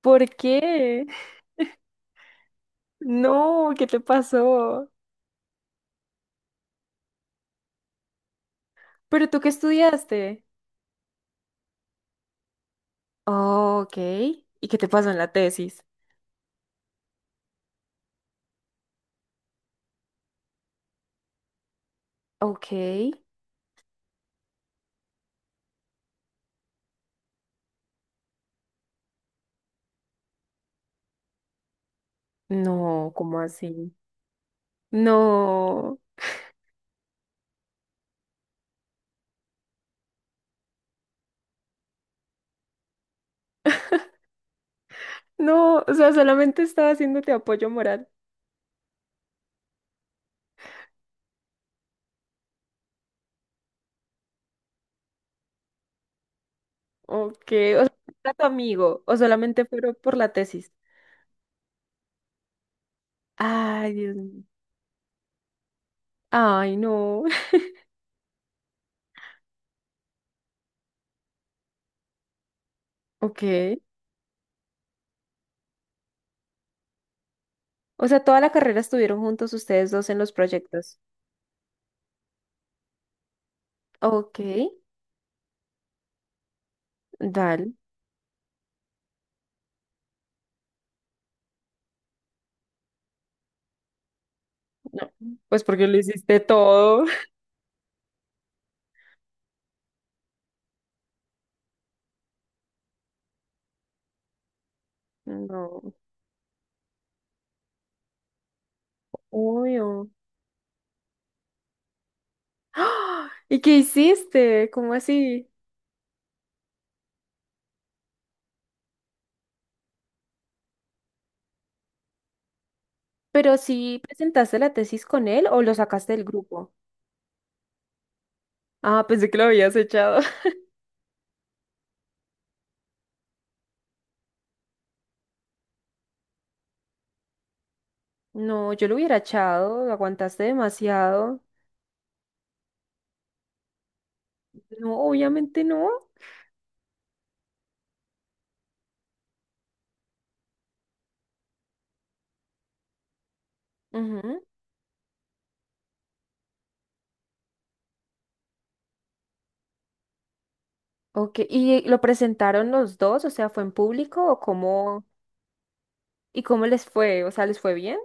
¿Por qué? No, ¿qué te pasó? ¿Pero tú qué estudiaste? Oh, ok. ¿Y qué te pasó en la tesis? Ok. No, ¿cómo así? No, no, o sea, solamente estaba haciéndote apoyo moral. Ok, o sea, ¿era tu amigo o solamente fueron por la tesis? Ay, Dios mío. Ay, no. Ok. O sea, toda la carrera estuvieron juntos ustedes dos en los proyectos. Ok, dale. No, pues porque lo hiciste todo. No, obvio. ¡Ah! ¿Y qué hiciste? ¿Cómo así? ¿Pero sí presentaste la tesis con él o lo sacaste del grupo? Ah, pensé que lo habías echado. No, yo lo hubiera echado, lo aguantaste demasiado. No, obviamente no. Ujú. Ok, ¿y lo presentaron los dos? O sea, ¿fue en público o cómo? ¿Y cómo les fue? O sea, ¿les fue bien?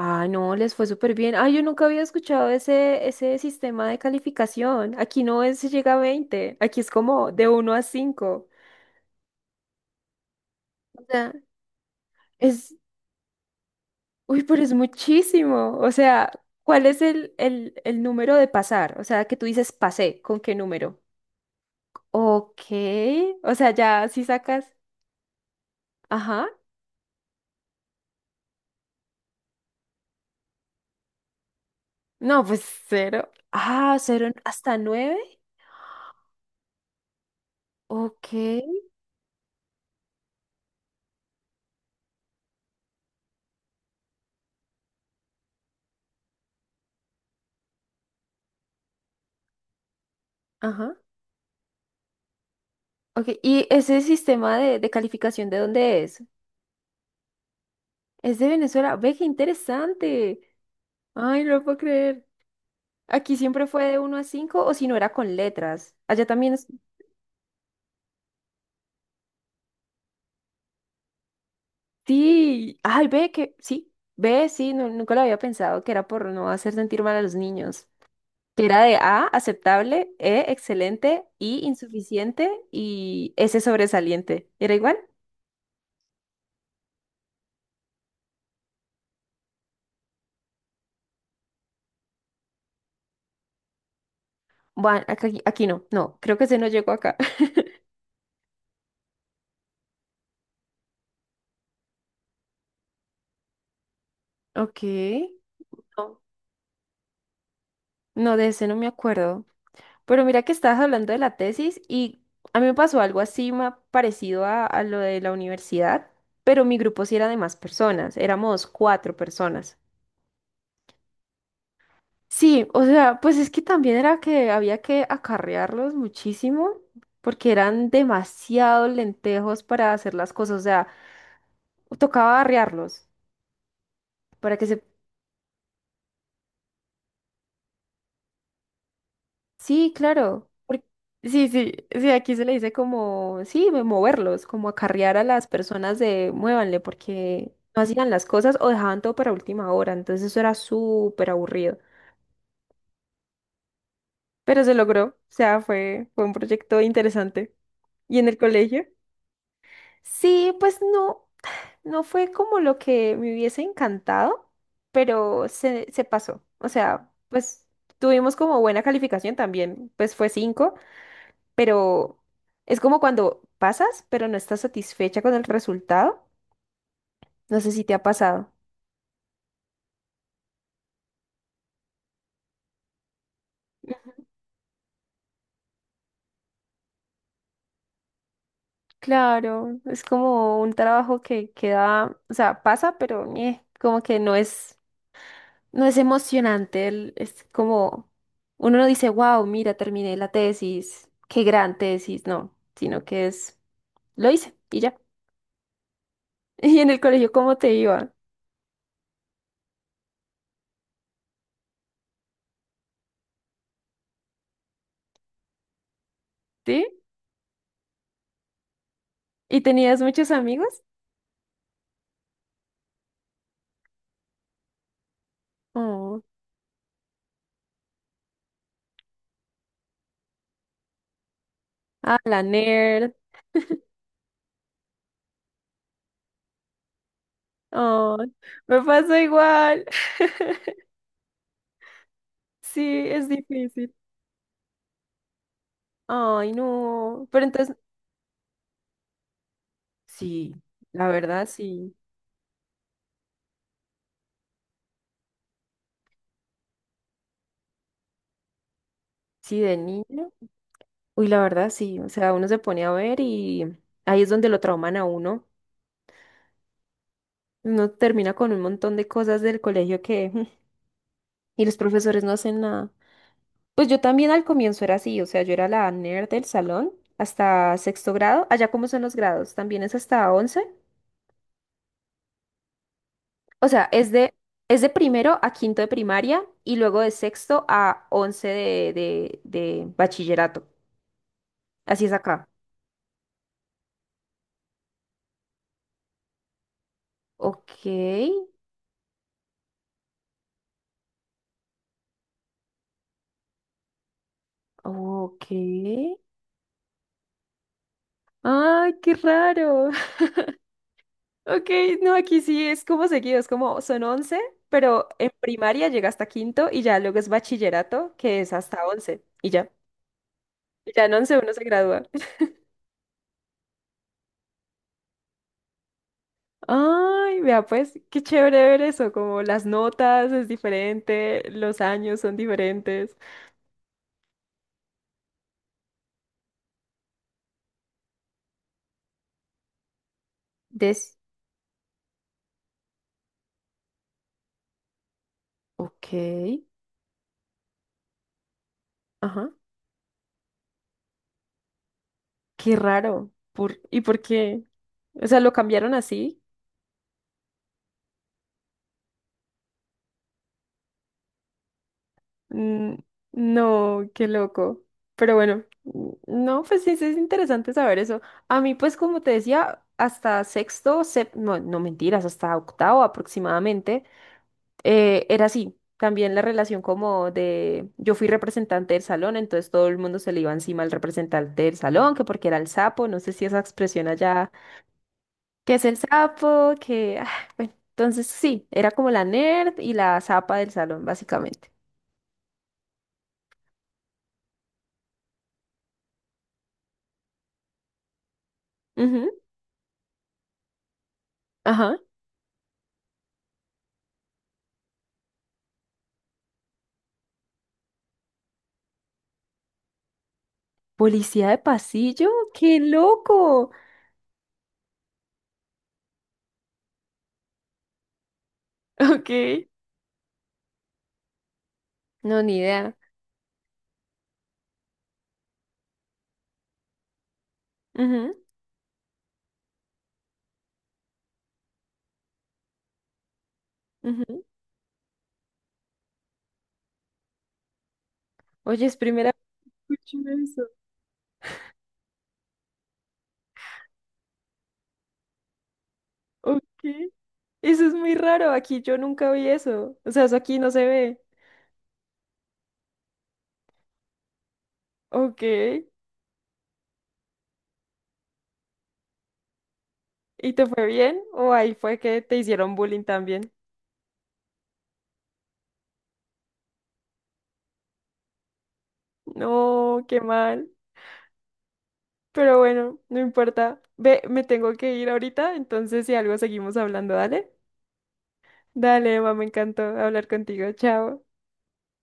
Ah, no, les fue súper bien. Ah, yo nunca había escuchado ese sistema de calificación. Aquí no es si llega a 20, aquí es como de uno a cinco. O sea, es, uy, pero es muchísimo. O sea, ¿cuál es el número de pasar? O sea, que tú dices pasé, ¿con qué número? Ok, o sea, ya si sacas, ajá, no, pues cero. Ah, cero hasta 9. Ok, ajá. Ok, ¿y ese sistema de calificación de dónde es? Es de Venezuela. Ve qué interesante. Ay, no lo puedo creer. Aquí siempre fue de uno a 5, o si no era con letras. Allá también es... Sí. Ay, ve que... Sí. Ve, sí. Nunca lo había pensado que era por no hacer sentir mal a los niños. Que era de A, aceptable, E, excelente, I, insuficiente y S, sobresaliente. ¿Era igual? Bueno, aquí, no. No, creo que ese no llegó acá. Ok. No, no, de ese no me acuerdo. Pero mira que estabas hablando de la tesis y a mí me pasó algo así parecido a lo de la universidad, pero mi grupo sí era de más personas, éramos cuatro personas. Sí, o sea, pues es que también era que había que acarrearlos muchísimo porque eran demasiados lentejos para hacer las cosas, o sea, tocaba arrearlos para que se... Sí, claro. Sí, sí, sí, aquí se le dice como, sí, moverlos, como acarrear a las personas de muévanle porque no hacían las cosas o dejaban todo para última hora, entonces eso era súper aburrido. Pero se logró, o sea, fue un proyecto interesante. ¿Y en el colegio? Sí, pues no, no fue como lo que me hubiese encantado, pero se pasó. O sea, pues tuvimos como buena calificación también, pues fue 5. Pero es como cuando pasas, pero no estás satisfecha con el resultado. No sé si te ha pasado. Claro, es como un trabajo que queda, o sea, pasa, pero como que no es, no es emocionante. Es como, uno no dice, wow, mira, terminé la tesis, qué gran tesis, no, sino que es, lo hice y ya. Y en el colegio, ¿cómo te iba? ¿Sí? ¿Y tenías muchos amigos? Oh, ah, la nerd. Oh, me pasa igual. Sí, es difícil. Ay, no. Pero entonces, sí, la verdad, sí. Sí, de niño. Uy, la verdad, sí. O sea, uno se pone a ver y ahí es donde lo trauman a uno. Uno termina con un montón de cosas del colegio que... Y los profesores no hacen nada. Pues yo también al comienzo era así. O sea, yo era la nerd del salón hasta sexto grado. Allá, ¿cómo son los grados? ¿También es hasta once? O sea, es de primero a quinto de primaria y luego de sexto a once de bachillerato. Así es acá. Ok, ok. Ay, qué raro. Ok, no, aquí sí es como seguido, es como son once, pero en primaria llega hasta quinto y ya luego es bachillerato, que es hasta once y ya. Y ya en once uno se gradúa. Ay, vea pues, qué chévere ver eso, como las notas es diferente, los años son diferentes. Des. Ok. Ajá. Qué raro. Por... ¿Y por qué? O sea, ¿lo cambiaron así? Mm, no, qué loco. Pero bueno, no, pues sí, sí es interesante saber eso. A mí, pues como te decía, hasta sexto, no, no mentiras, hasta octavo aproximadamente, era así. También la relación como de, yo fui representante del salón, entonces todo el mundo se le iba encima al representante del salón, que porque era el sapo, no sé si esa expresión allá que es el sapo, que... ah, bueno, entonces sí, era como la nerd y la zapa del salón, básicamente. Ujú. Ajá. ¿Policía de pasillo? ¡Qué loco! Ok. No, ni idea. Ujú, ujú. Oye, es primera vez que escucho eso. Ok. Eso es muy raro. Aquí yo nunca vi eso. O sea, eso aquí no se ve. Ok. ¿Y te fue bien? ¿O ahí fue que te hicieron bullying también? No, qué mal. Pero bueno, no importa. Ve, me tengo que ir ahorita, entonces si algo seguimos hablando, dale. Dale, mamá, me encantó hablar contigo. Chao.